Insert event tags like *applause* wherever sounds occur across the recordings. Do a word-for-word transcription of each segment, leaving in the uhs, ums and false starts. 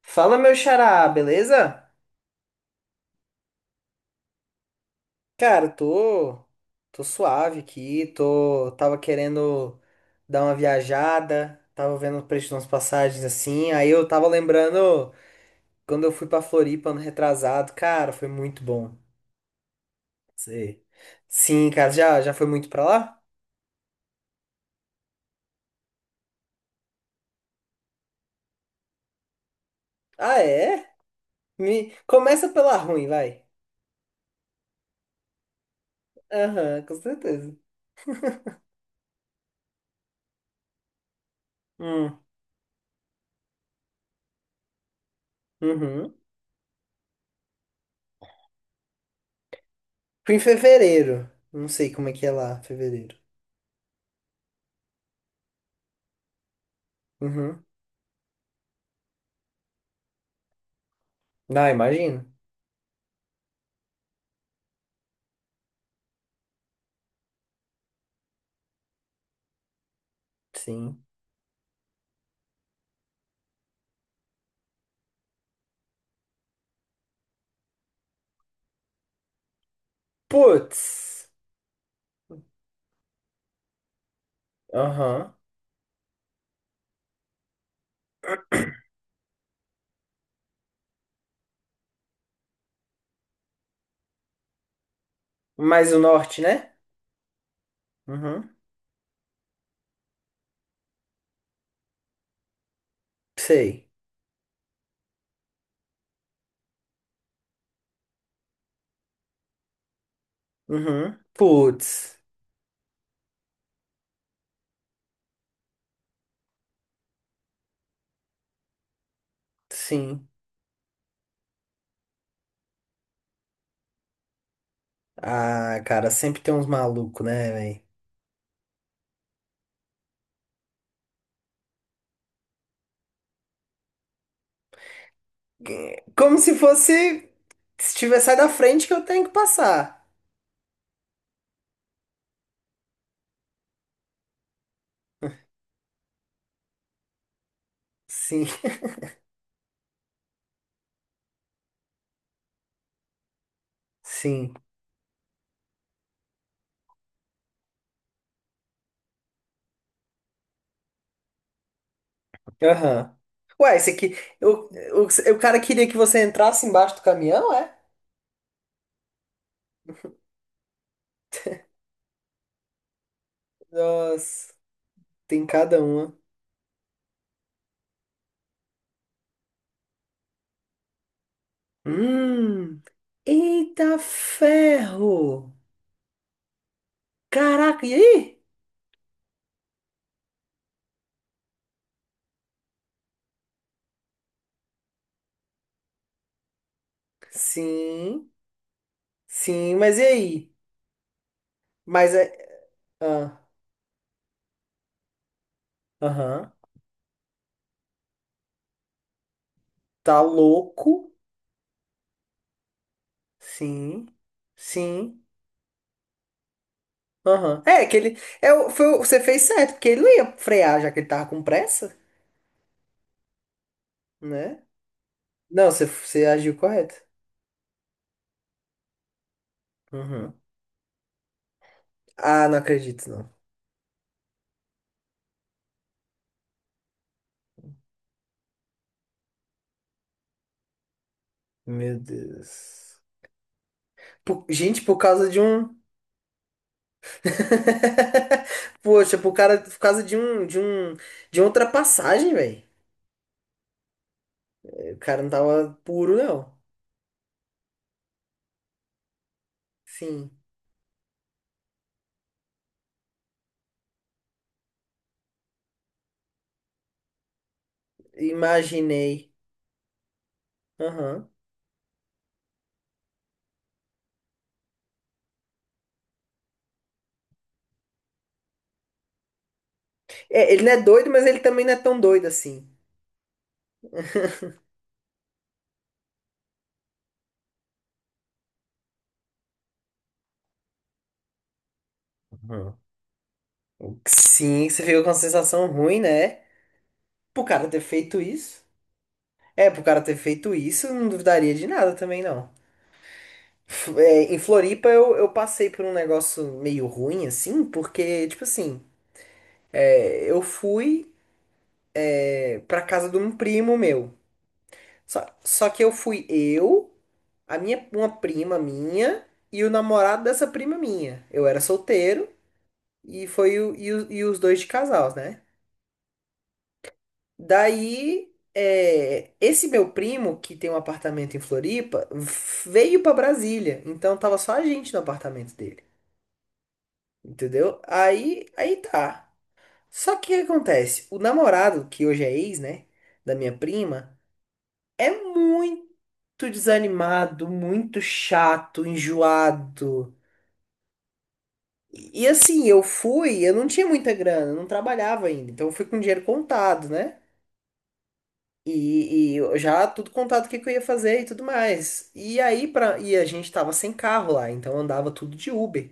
Fala, meu xará, beleza? Cara, tô, tô suave aqui, tô, tava querendo dar uma viajada, tava vendo o preço de umas passagens assim, aí eu tava lembrando quando eu fui pra Floripa ano retrasado, cara, foi muito bom. Sei. Sim, cara, já, já foi muito pra lá? Ah, é? Me... Começa pela ruim, vai. Aham, com certeza. Hum, uhum. Fui em fevereiro, não sei como é que é lá, fevereiro. Uhum. Ah, imagino. Sim. Putz. Aham. Mais o norte, né? Uhum. Sei. Uhum. Putz. Sim. Ah, cara, sempre tem uns malucos, né, velho? Como se fosse. Se tiver sai da frente que eu tenho que passar. Sim, *laughs* sim. Aham. Ué, esse aqui. O, o, o cara queria que você entrasse embaixo do caminhão, é? Nossa, tem cada uma. Hum. Eita ferro! Caraca, e aí? Sim, sim, mas e aí? Mas é. ah, Aham. Tá louco? Sim, sim. Aham. É, que ele. É, o- foi, o- você fez certo, porque ele não ia frear, já que ele tava com pressa, né? Não, você, você agiu correto. Uhum. Ah, não acredito, não. Meu Deus. Por- gente, por causa de um. *laughs* Poxa, por cara, por causa de um, de um, de uma ultrapassagem, velho. O cara não tava puro, não. Sim. Imaginei. Aham. É, ele não é doido, mas ele também não é tão doido assim. Aham. Sim, você fica com uma sensação ruim, né? Pro cara ter feito isso. É, pro cara ter feito isso, eu não duvidaria de nada também, não. F- é, em Floripa eu, eu passei por um negócio meio ruim, assim, porque, tipo assim, é, eu fui é, pra casa de um primo meu. Só, só que eu fui eu, a minha, uma prima minha e o namorado dessa prima minha. Eu era solteiro. E foi o, e, o- e os dois de casal, né? Daí, é, esse meu primo, que tem um apartamento em Floripa, veio pra Brasília. Então tava só a gente no apartamento dele. Entendeu? Aí, aí tá. Só que o que acontece? O namorado, que hoje é ex, né? Da minha prima, é muito desanimado, muito chato, enjoado. E e assim, eu fui, eu não tinha muita grana, eu não trabalhava ainda. Então eu fui com dinheiro contado, né? E, e eu já tudo contado o que, que eu ia fazer e tudo mais. E aí, pra, e a gente tava sem carro lá, então andava tudo de Uber.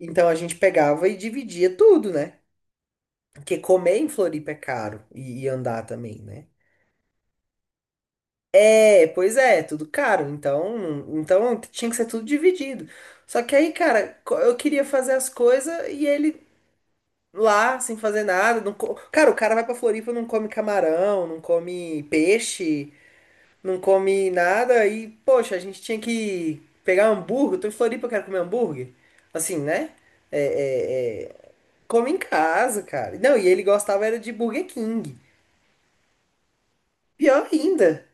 Então a gente pegava e dividia tudo, né? Porque comer em Floripa é caro e, e andar também, né? É, pois é, tudo caro. Então, então tinha que ser tudo dividido. Só que aí, cara, co- eu queria fazer as coisas e ele lá, sem fazer nada. Não co- Cara, o cara vai pra Floripa, não come camarão, não come peixe. Não come nada e, poxa, a gente tinha que pegar um hambúrguer. Eu tô em Floripa, eu quero comer hambúrguer. Assim, né? É, é, é, Come em casa, cara. Não, e ele gostava era de Burger King. Pior ainda,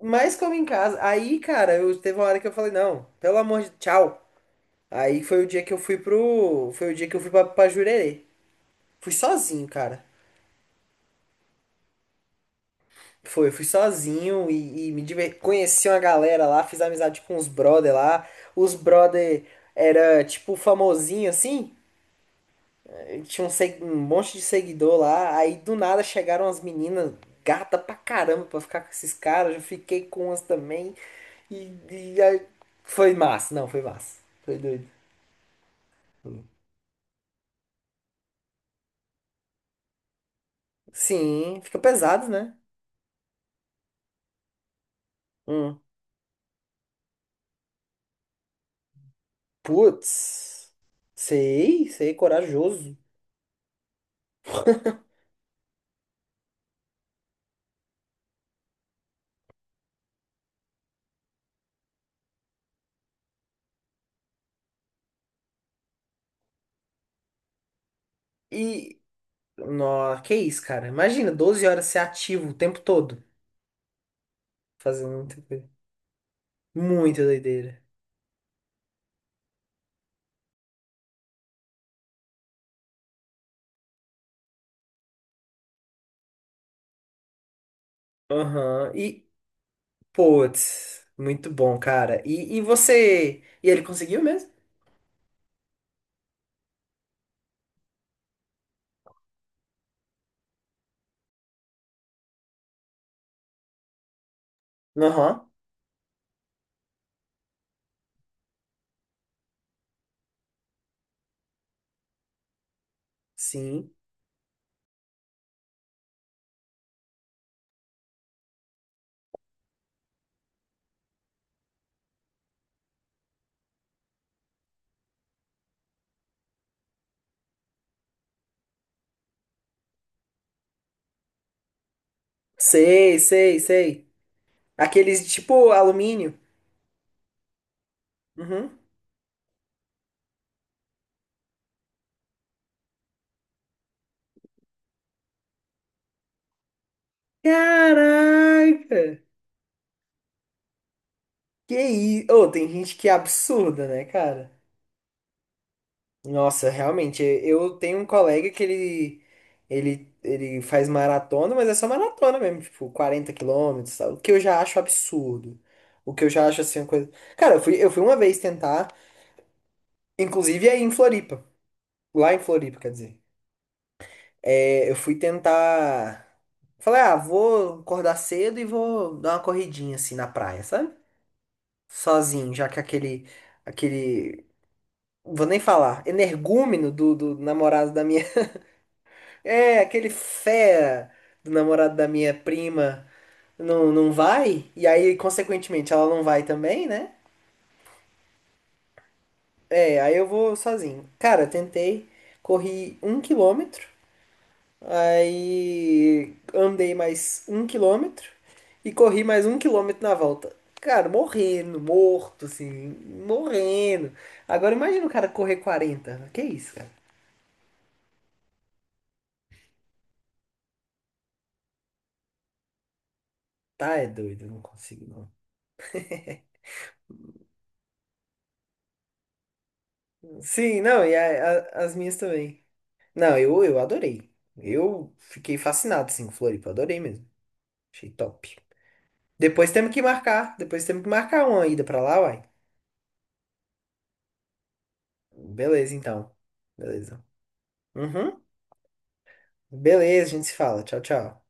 mais come em casa. Aí, cara, eu teve uma hora que eu falei, não, pelo amor de tchau. Aí foi o dia que eu fui pro, foi o dia que eu fui pra, pra Jurerê. Fui sozinho, cara. Foi, eu fui sozinho e, e me diver... conheci uma galera lá, fiz amizade com os brother lá. Os brother era tipo famosinho assim, tinha um, seg- um monte de seguidor lá. Aí do nada chegaram as meninas gata pra caramba pra ficar com esses caras. Eu fiquei com umas também e, e aí... foi massa, não, foi massa. Foi doido. Sim, fica pesado, né? Hum. Putz, sei, sei, corajoso. E nossa, que isso, cara. Imagina, doze horas ser ativo o tempo todo, fazendo muita coisa. Muita doideira. Aham. E, putz, muito bom, cara. E, e você. E ele conseguiu mesmo? Aham. Sim. Sei, sei, sei. Aqueles de, tipo alumínio. Uhum. Caraca! Que isso? Ô, tem gente que é absurda, né, cara? Nossa, realmente, eu tenho um colega que ele, ele, ele faz maratona, mas é só maratona mesmo, tipo, quarenta quilômetros, sabe? O que eu já acho absurdo. O que eu já acho assim, uma coisa. Cara, eu fui, eu fui uma vez tentar, inclusive aí em Floripa, lá em Floripa, quer dizer. É, eu fui tentar. Falei, ah, vou acordar cedo e vou dar uma corridinha assim na praia, sabe? Sozinho, já que aquele, aquele, vou nem falar, energúmeno do, do namorado da minha. É, aquele fera do namorado da minha prima não, não vai, e aí, consequentemente, ela não vai também, né? É, aí eu vou sozinho. Cara, eu tentei, corri um quilômetro, aí andei mais um quilômetro e corri mais um quilômetro na volta. Cara, morrendo, morto, assim, morrendo. Agora imagina o cara correr quarenta. Que isso, cara? Tá, é doido, eu não consigo, não. Sim, não, e a- a- as minhas também. Não, eu, eu adorei. Eu fiquei fascinado, assim, com Floripa. Adorei mesmo. Achei top. Depois temos que marcar. Depois temos que marcar uma ida pra lá, uai. Beleza, então. Beleza. Uhum. Beleza, a gente se fala. Tchau, tchau.